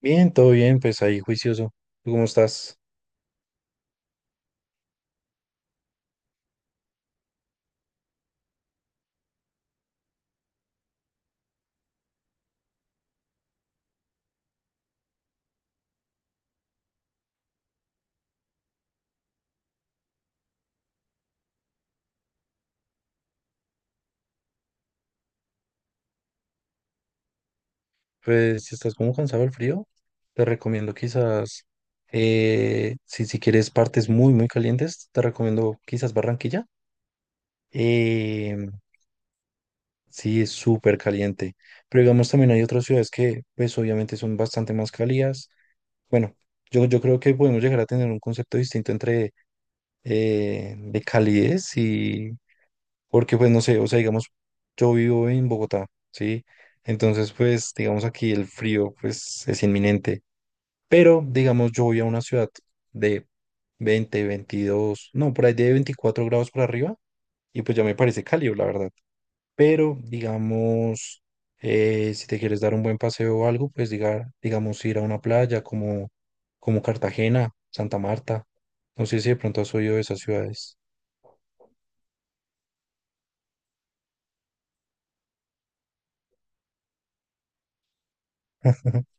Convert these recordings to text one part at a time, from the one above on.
Bien, todo bien, pues ahí juicioso. ¿Tú cómo estás? Pues si estás como cansado del frío, te recomiendo quizás, si quieres partes muy, muy calientes, te recomiendo quizás Barranquilla. Eh, sí, es súper caliente. Pero digamos también hay otras ciudades que pues obviamente son bastante más cálidas. Bueno, yo creo que podemos llegar a tener un concepto distinto entre de calidez y, porque pues no sé, o sea, digamos, yo vivo en Bogotá, ¿sí? Entonces, pues, digamos, aquí el frío, pues, es inminente. Pero, digamos, yo voy a una ciudad de 20 22, no, por ahí de 24 grados por arriba, y pues ya me parece cálido, la verdad. Pero, digamos, si te quieres dar un buen paseo o algo, pues, digamos, ir a una playa como, Cartagena, Santa Marta. No sé si de pronto has oído de esas ciudades.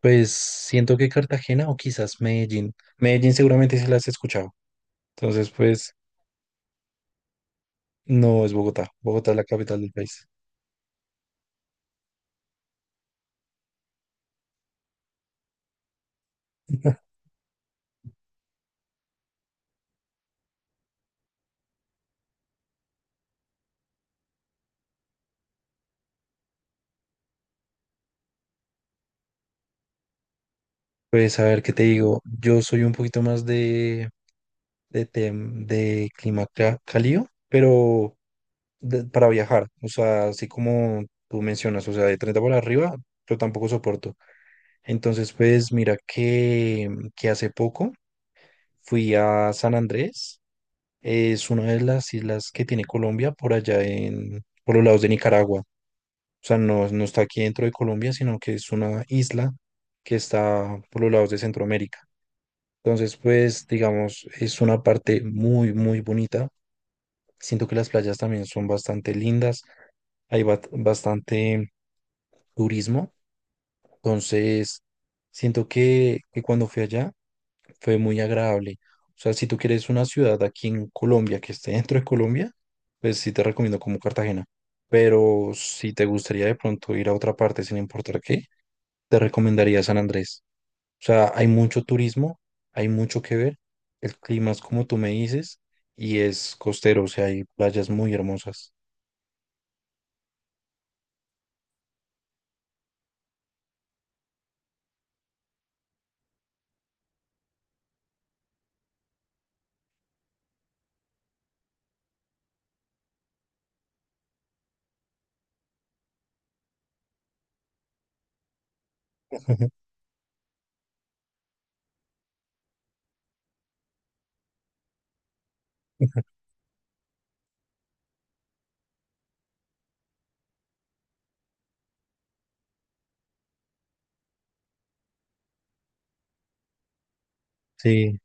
Pues siento que Cartagena o quizás Medellín. Medellín seguramente sí las has escuchado. Entonces, pues no es Bogotá. Bogotá es la capital del país. Pues a ver, ¿qué te digo? Yo soy un poquito más de clima cálido, pero para viajar, o sea, así como tú mencionas, o sea, de 30 para arriba, yo tampoco soporto. Entonces, pues mira que hace poco fui a San Andrés. Es una de las islas que tiene Colombia por allá por los lados de Nicaragua. O sea, no, no está aquí dentro de Colombia, sino que es una isla que está por los lados de Centroamérica. Entonces, pues, digamos, es una parte muy, muy bonita. Siento que las playas también son bastante lindas. Hay bastante turismo. Entonces, siento que cuando fui allá, fue muy agradable. O sea, si tú quieres una ciudad aquí en Colombia que esté dentro de Colombia, pues sí te recomiendo como Cartagena. Pero si te gustaría de pronto ir a otra parte sin importar qué, te recomendaría San Andrés. O sea, hay mucho turismo, hay mucho que ver. El clima es como tú me dices y es costero, o sea, hay playas muy hermosas. Sí,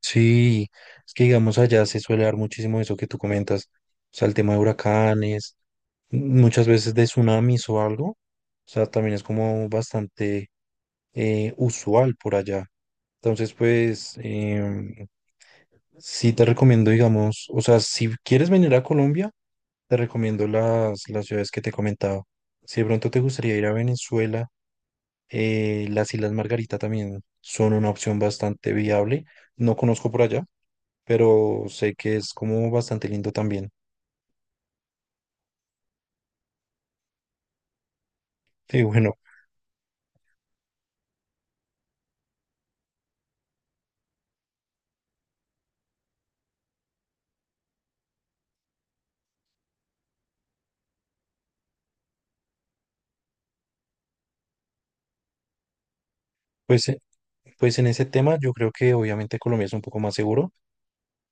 sí, es que digamos allá se suele dar muchísimo eso que tú comentas, o sea, el tema de huracanes, muchas veces de tsunamis o algo. O sea, también es como bastante usual por allá. Entonces, pues, sí te recomiendo, digamos, o sea, si quieres venir a Colombia, te recomiendo las ciudades que te he comentado. Si de pronto te gustaría ir a Venezuela, las Islas Margarita también son una opción bastante viable. No conozco por allá, pero sé que es como bastante lindo también. Y bueno, pues, pues en ese tema yo creo que obviamente Colombia es un poco más seguro.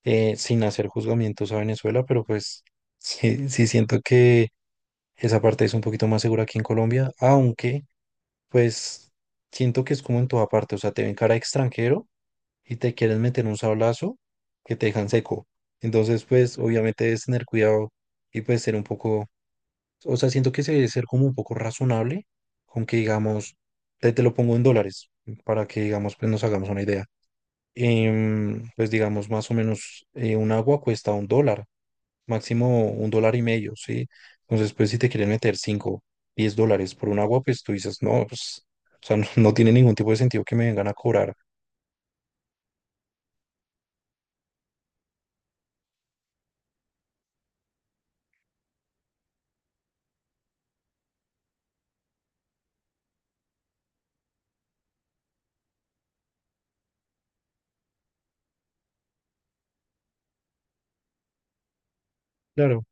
Sin hacer juzgamientos a Venezuela, pero pues sí, sí siento que esa parte es un poquito más segura aquí en Colombia, aunque pues siento que es como en toda parte, o sea, te ven cara de extranjero y te quieren meter un sablazo que te dejan seco. Entonces, pues obviamente debes tener cuidado y pues ser un poco, o sea, siento que se debe ser como un poco razonable con que digamos, te lo pongo en dólares para que digamos, pues nos hagamos una idea. Pues digamos, más o menos un agua cuesta un dólar máximo un dólar y medio, ¿sí? Entonces, pues si te quieren meter 5, $10 por un agua, pues tú dices, no, pues, o sea, no, no tiene ningún tipo de sentido que me vengan a cobrar. Claro,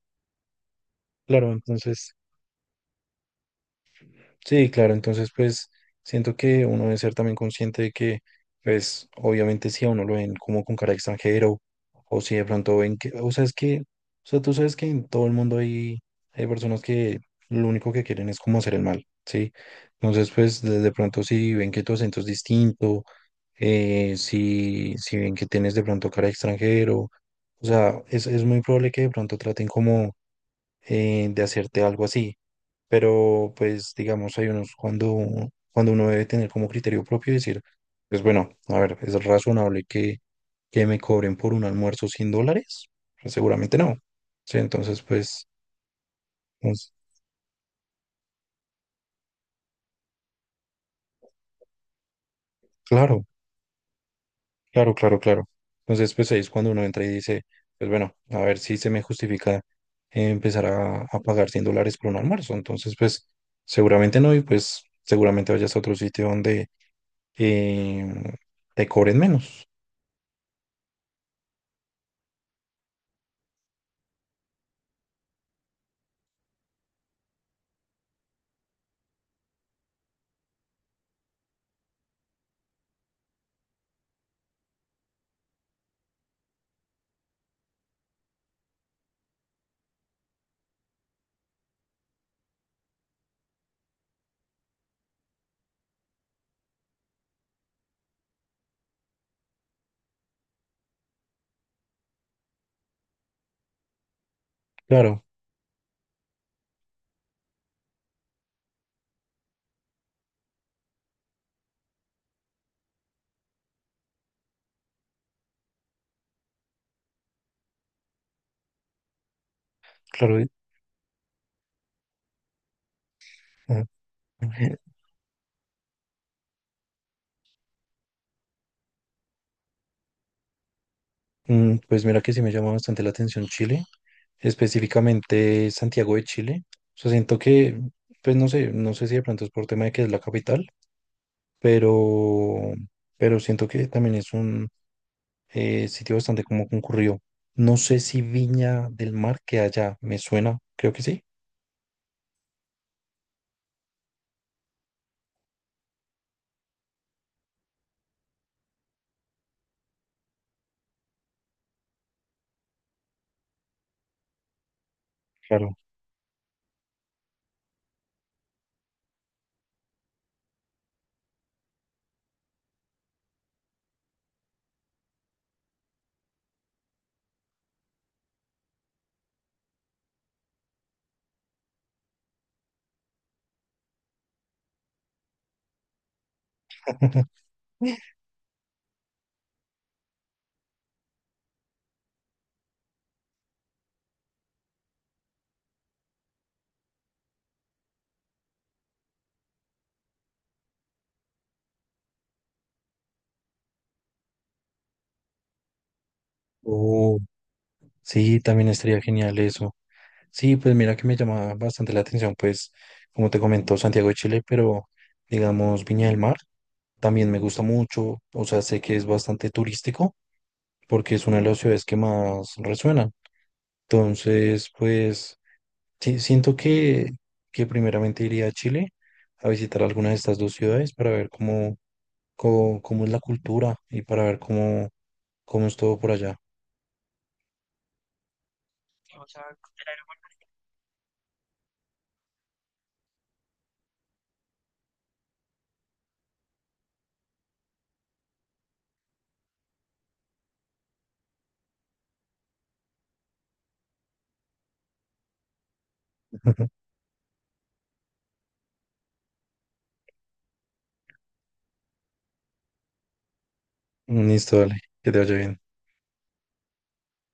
claro, entonces, sí, claro, entonces, pues siento que uno debe ser también consciente de que, pues, obviamente si a uno lo ven como con cara de extranjero, o si de pronto ven que, o sea, es que, o sea, tú sabes que en todo el mundo hay personas que lo único que quieren es como hacer el mal, ¿sí? Entonces, pues, de pronto si ven que tu acento es distinto, si ven que tienes de pronto cara de extranjero, o sea, es muy probable que de pronto traten como de hacerte algo así, pero pues digamos, hay unos cuando uno debe tener como criterio propio y decir, pues bueno, a ver, ¿es razonable que me cobren por un almuerzo $100? Pues, seguramente no. Sí, entonces pues, pues, claro. Claro, claro, claro. Entonces, pues ahí es cuando uno entra y dice, pues bueno, a ver si se me justifica empezar a pagar $100 por un almuerzo. Entonces, pues seguramente no y pues seguramente vayas a otro sitio donde em, te cobren menos. Claro, claro. Ah, Pues mira que sí me llama bastante la atención Chile, específicamente Santiago de Chile. O sea, siento que, pues no sé, no sé si de pronto es por tema de que es la capital, pero, siento que también es un sitio bastante como concurrido. No sé si Viña del Mar que allá, me suena, creo que sí. Claro. Oh, sí, también estaría genial eso. Sí, pues mira que me llama bastante la atención, pues como te comentó Santiago de Chile, pero digamos Viña del Mar también me gusta mucho, o sea, sé que es bastante turístico porque es una de las ciudades que más resuena. Entonces, pues sí, siento que primeramente iría a Chile a visitar alguna de estas dos ciudades para ver cómo es la cultura y para ver cómo es todo por allá. Listo, dale, que te vaya bien.